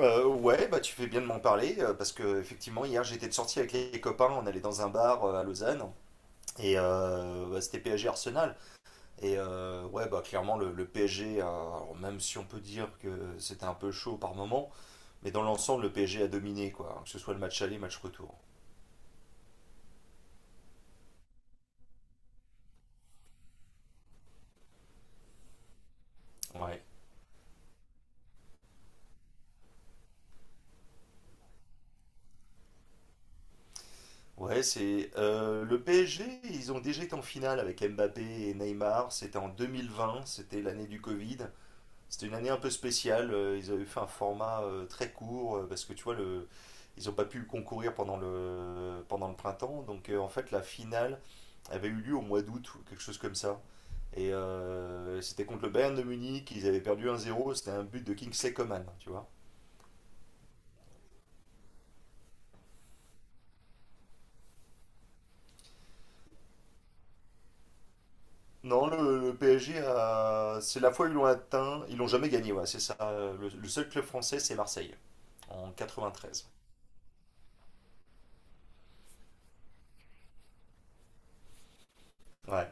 Ouais, bah tu fais bien de m'en parler parce que effectivement hier j'étais de sortie avec les copains, on allait dans un bar à Lausanne et bah, c'était PSG Arsenal et ouais bah clairement le PSG, alors, même si on peut dire que c'était un peu chaud par moment, mais dans l'ensemble le PSG a dominé quoi, hein, que ce soit le match aller, match retour. Ouais, ouais, c'est le PSG, ils ont déjà été en finale avec Mbappé et Neymar, c'était en 2020, c'était l'année du Covid. C'était une année un peu spéciale. Ils avaient fait un format très court parce que tu vois, ils n'ont pas pu concourir pendant le printemps. Donc en fait, la finale avait eu lieu au mois d'août ou quelque chose comme ça. Et c'était contre le Bayern de Munich. Ils avaient perdu 1-0. C'était un but de Kingsley Coman, tu vois. Non, le PSG, c'est la fois où ils l'ont atteint. Ils l'ont jamais gagné, ouais, c'est ça. Le seul club français, c'est Marseille, en 93. Ouais.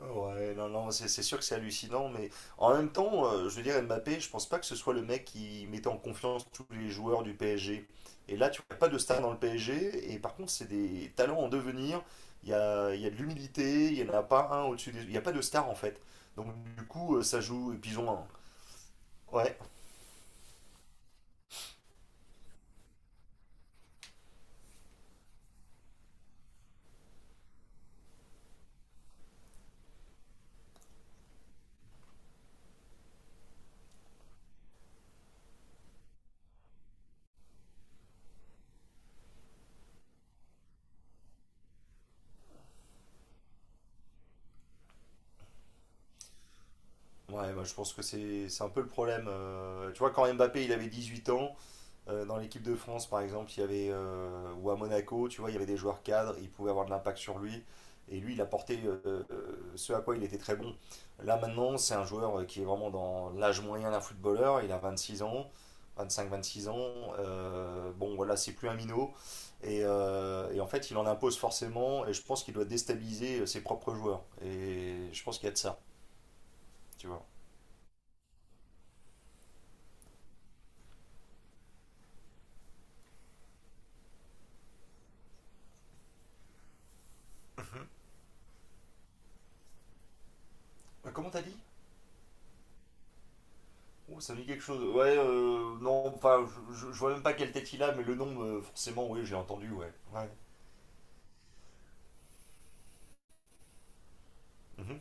Ouais, non, non, c'est sûr que c'est hallucinant, mais en même temps, je veux dire, Mbappé, je pense pas que ce soit le mec qui mettait en confiance tous les joueurs du PSG. Et là, tu n'as pas de star dans le PSG, et par contre, c'est des talents en devenir. Il y a de l'humilité, il n'y en a pas un au-dessus des... Il n'y a pas de star, en fait. Donc, du coup, ça joue, et puis ils ont un... Ouais, ouais, bah, je pense que c'est un peu le problème. Tu vois, quand Mbappé, il avait 18 ans. Dans l'équipe de France, par exemple, il y avait, ou à Monaco, tu vois, il y avait des joueurs cadres, ils pouvaient avoir de l'impact sur lui. Et lui, il apportait ce à quoi il était très bon. Là, maintenant, c'est un joueur qui est vraiment dans l'âge moyen d'un footballeur. Il a 26 ans, 25-26 ans. Bon, voilà, c'est plus un minot. Et, en fait, il en impose forcément. Et je pense qu'il doit déstabiliser ses propres joueurs. Et je pense qu'il y a de ça, tu vois. Comment t'as dit? Oh, ça me dit quelque chose. Ouais, non, enfin, je vois même pas quelle tête il a, mais le nom, forcément, oui, j'ai entendu, ouais. Ouais. Mhm.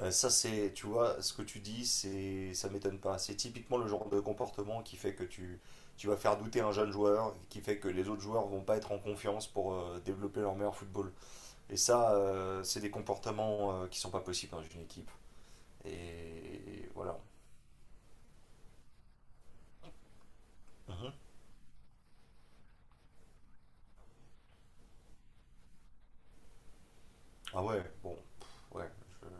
Ça, c'est, tu vois, ce que tu dis, c'est, ça m'étonne pas. C'est typiquement le genre de comportement qui fait que tu vas faire douter un jeune joueur, qui fait que les autres joueurs vont pas être en confiance pour développer leur meilleur football. Et ça, c'est des comportements qui sont pas possibles dans une équipe. Et voilà. Mhm. Ah ouais, bon, pff, ouais.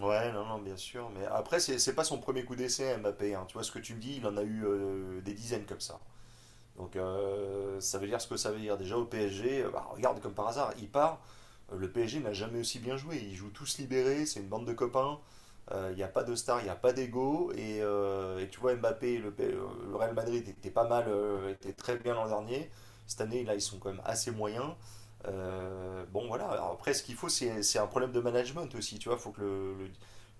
Ouais, non, non, bien sûr. Mais après, c'est pas son premier coup d'essai, Mbappé, hein. Tu vois ce que tu me dis, il en a eu des dizaines comme ça. Donc ça veut dire ce que ça veut dire. Déjà au PSG, bah, regarde comme par hasard, il part. Le PSG n'a jamais aussi bien joué. Ils jouent tous libérés, c'est une bande de copains. Il n'y a pas de star, il n'y a pas d'ego. Et, tu vois Mbappé, le Real Madrid était pas mal, était très bien l'an dernier. Cette année, là, ils sont quand même assez moyens. Bon voilà, alors, après ce qu'il faut, c'est un problème de management aussi. Tu vois, il faut que le, le-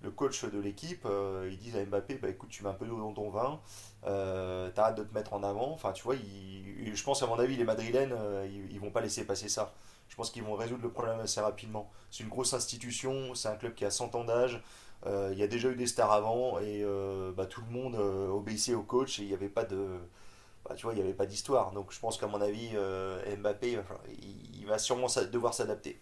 le coach de l'équipe, il dise à Mbappé, bah, écoute, tu mets un peu d'eau dans ton vin t'arrêtes de te mettre en avant. Enfin, tu vois, je pense, à mon avis, les Madrilènes, ils vont pas laisser passer ça. Je pense qu'ils vont résoudre le problème assez rapidement. C'est une grosse institution, c'est un club qui a 100 ans d'âge, il y a déjà eu des stars avant, et bah, tout le monde obéissait au coach, et il n'y avait pas de, bah, tu vois, il y avait pas d'histoire. Donc je pense qu'à mon avis, Mbappé, enfin, il va sûrement devoir s'adapter.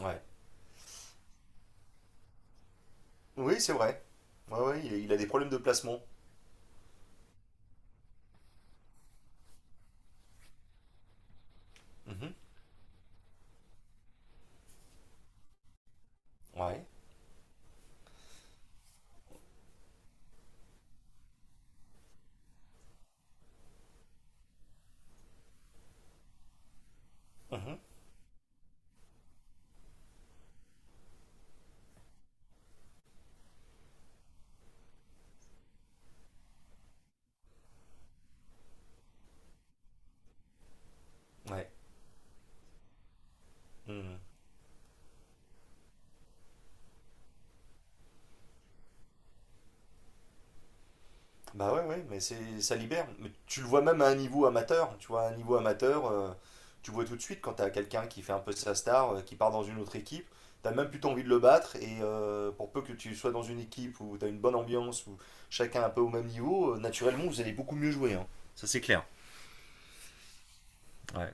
Ouais. Oui, c'est vrai. Ouais, ouais, il a des problèmes de placement. Mhm. Ouais. Mhm. Ouais. Mhm. Bah ouais, ouais, mais c'est, ça libère. Mais tu le vois même à un niveau amateur. Tu vois, à un niveau amateur, tu vois tout de suite quand t'as quelqu'un qui fait un peu sa star, qui part dans une autre équipe, t'as même plutôt envie de le battre. Et pour peu que tu sois dans une équipe où t'as une bonne ambiance, où chacun est un peu au même niveau, naturellement vous allez beaucoup mieux jouer, hein. Ça c'est clair. Ouais.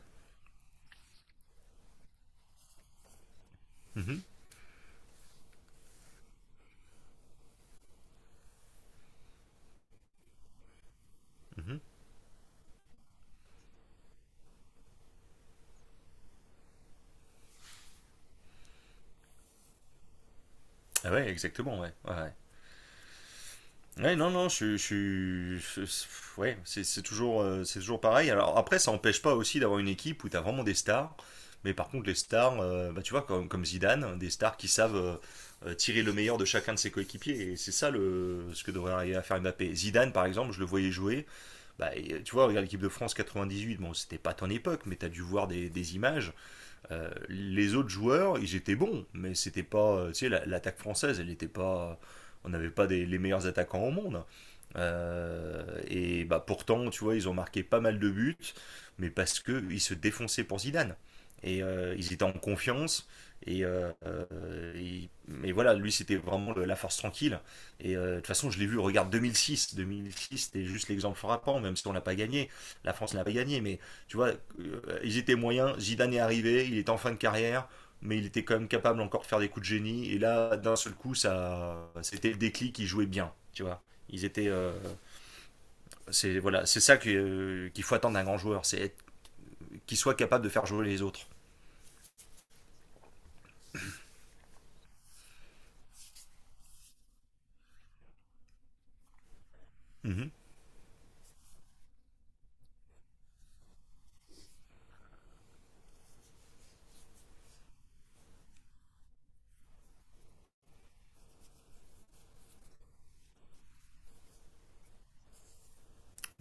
Mhm, mhm. Ah ouais, exactement, ouais, ouais, ouais. Ouais, non, non, je suis. Ouais, c'est toujours, c'est toujours pareil. Alors après, ça n'empêche pas aussi d'avoir une équipe où tu as vraiment des stars. Mais par contre, les stars, bah, tu vois, comme Zidane, des stars qui savent tirer le meilleur de chacun de ses coéquipiers. Et c'est ça ce que devrait arriver à faire Mbappé. Zidane, par exemple, je le voyais jouer. Bah, et, tu vois, regarde l'équipe de France 98. Bon, c'était pas ton époque, mais tu as dû voir des images. Les autres joueurs, ils étaient bons. Mais c'était pas. Tu sais, l'attaque française, elle n'était pas. On n'avait pas les meilleurs attaquants au monde. Et bah pourtant, tu vois, ils ont marqué pas mal de buts, mais parce que ils se défonçaient pour Zidane. Et ils étaient en confiance. Et, euh, mais voilà, lui, c'était vraiment la force tranquille. Et de toute façon, je l'ai vu, regarde 2006. 2006, c'était juste l'exemple frappant, même si on n'a pas gagné. La France n'a pas gagné, mais tu vois, ils étaient moyens. Zidane est arrivé, il était en fin de carrière, mais il était quand même capable encore de faire des coups de génie. Et là, d'un seul coup, ça, c'était le déclic, il jouait bien, tu vois. Ils étaient. C'est voilà, c'est ça que, qu'il faut attendre d'un grand joueur, c'est qu'il soit capable de faire jouer les autres. Mhm.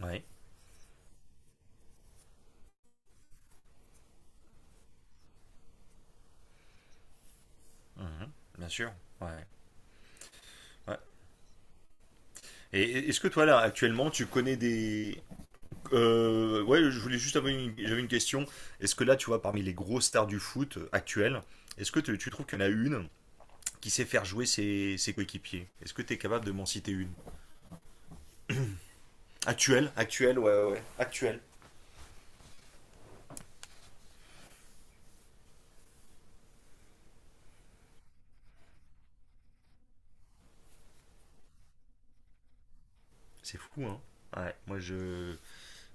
Oui, mhm, bien sûr. Ouais. Ouais. Est-ce que toi là actuellement tu connais des ouais je voulais juste avoir une... j'avais une question. Est-ce que là tu vois parmi les grosses stars du foot actuelles, est-ce que tu trouves qu'il y en a une qui sait faire jouer ses coéquipiers, est-ce que tu es capable de m'en citer une? Actuelle, actuelle, ouais, ouais, ouais. Actuelle. C'est fou, hein. Ouais, moi je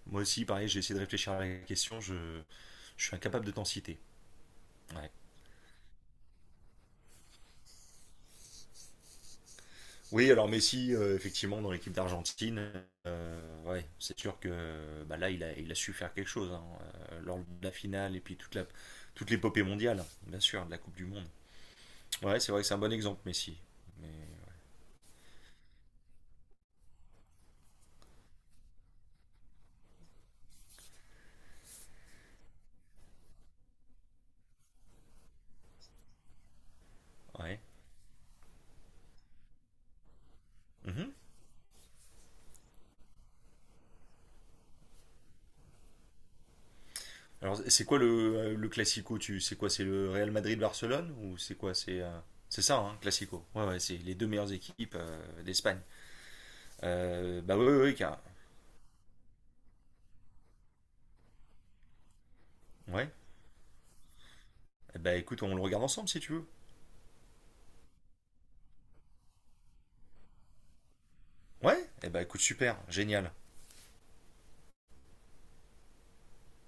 Moi aussi, pareil, j'ai essayé de réfléchir à la question, je suis incapable de t'en citer. Ouais. Oui, alors Messi, effectivement, dans l'équipe d'Argentine, ouais, c'est sûr que bah, là, il a su faire quelque chose, hein, lors de la finale et puis toute l'épopée mondiale, bien sûr, de la Coupe du Monde. Ouais, c'est vrai que c'est un bon exemple, Messi. Mais ouais. Mhm. Alors, c'est quoi le classico, c'est quoi, c'est le Real Madrid-Barcelone ou c'est quoi, c'est ça, hein, classico. Ouais, ouais, c'est les deux meilleures équipes d'Espagne. Bah ouais, ouais, ouais, ouais. Eh ben écoute, on le regarde ensemble si tu veux. Ouais. Eh ben écoute, super, génial.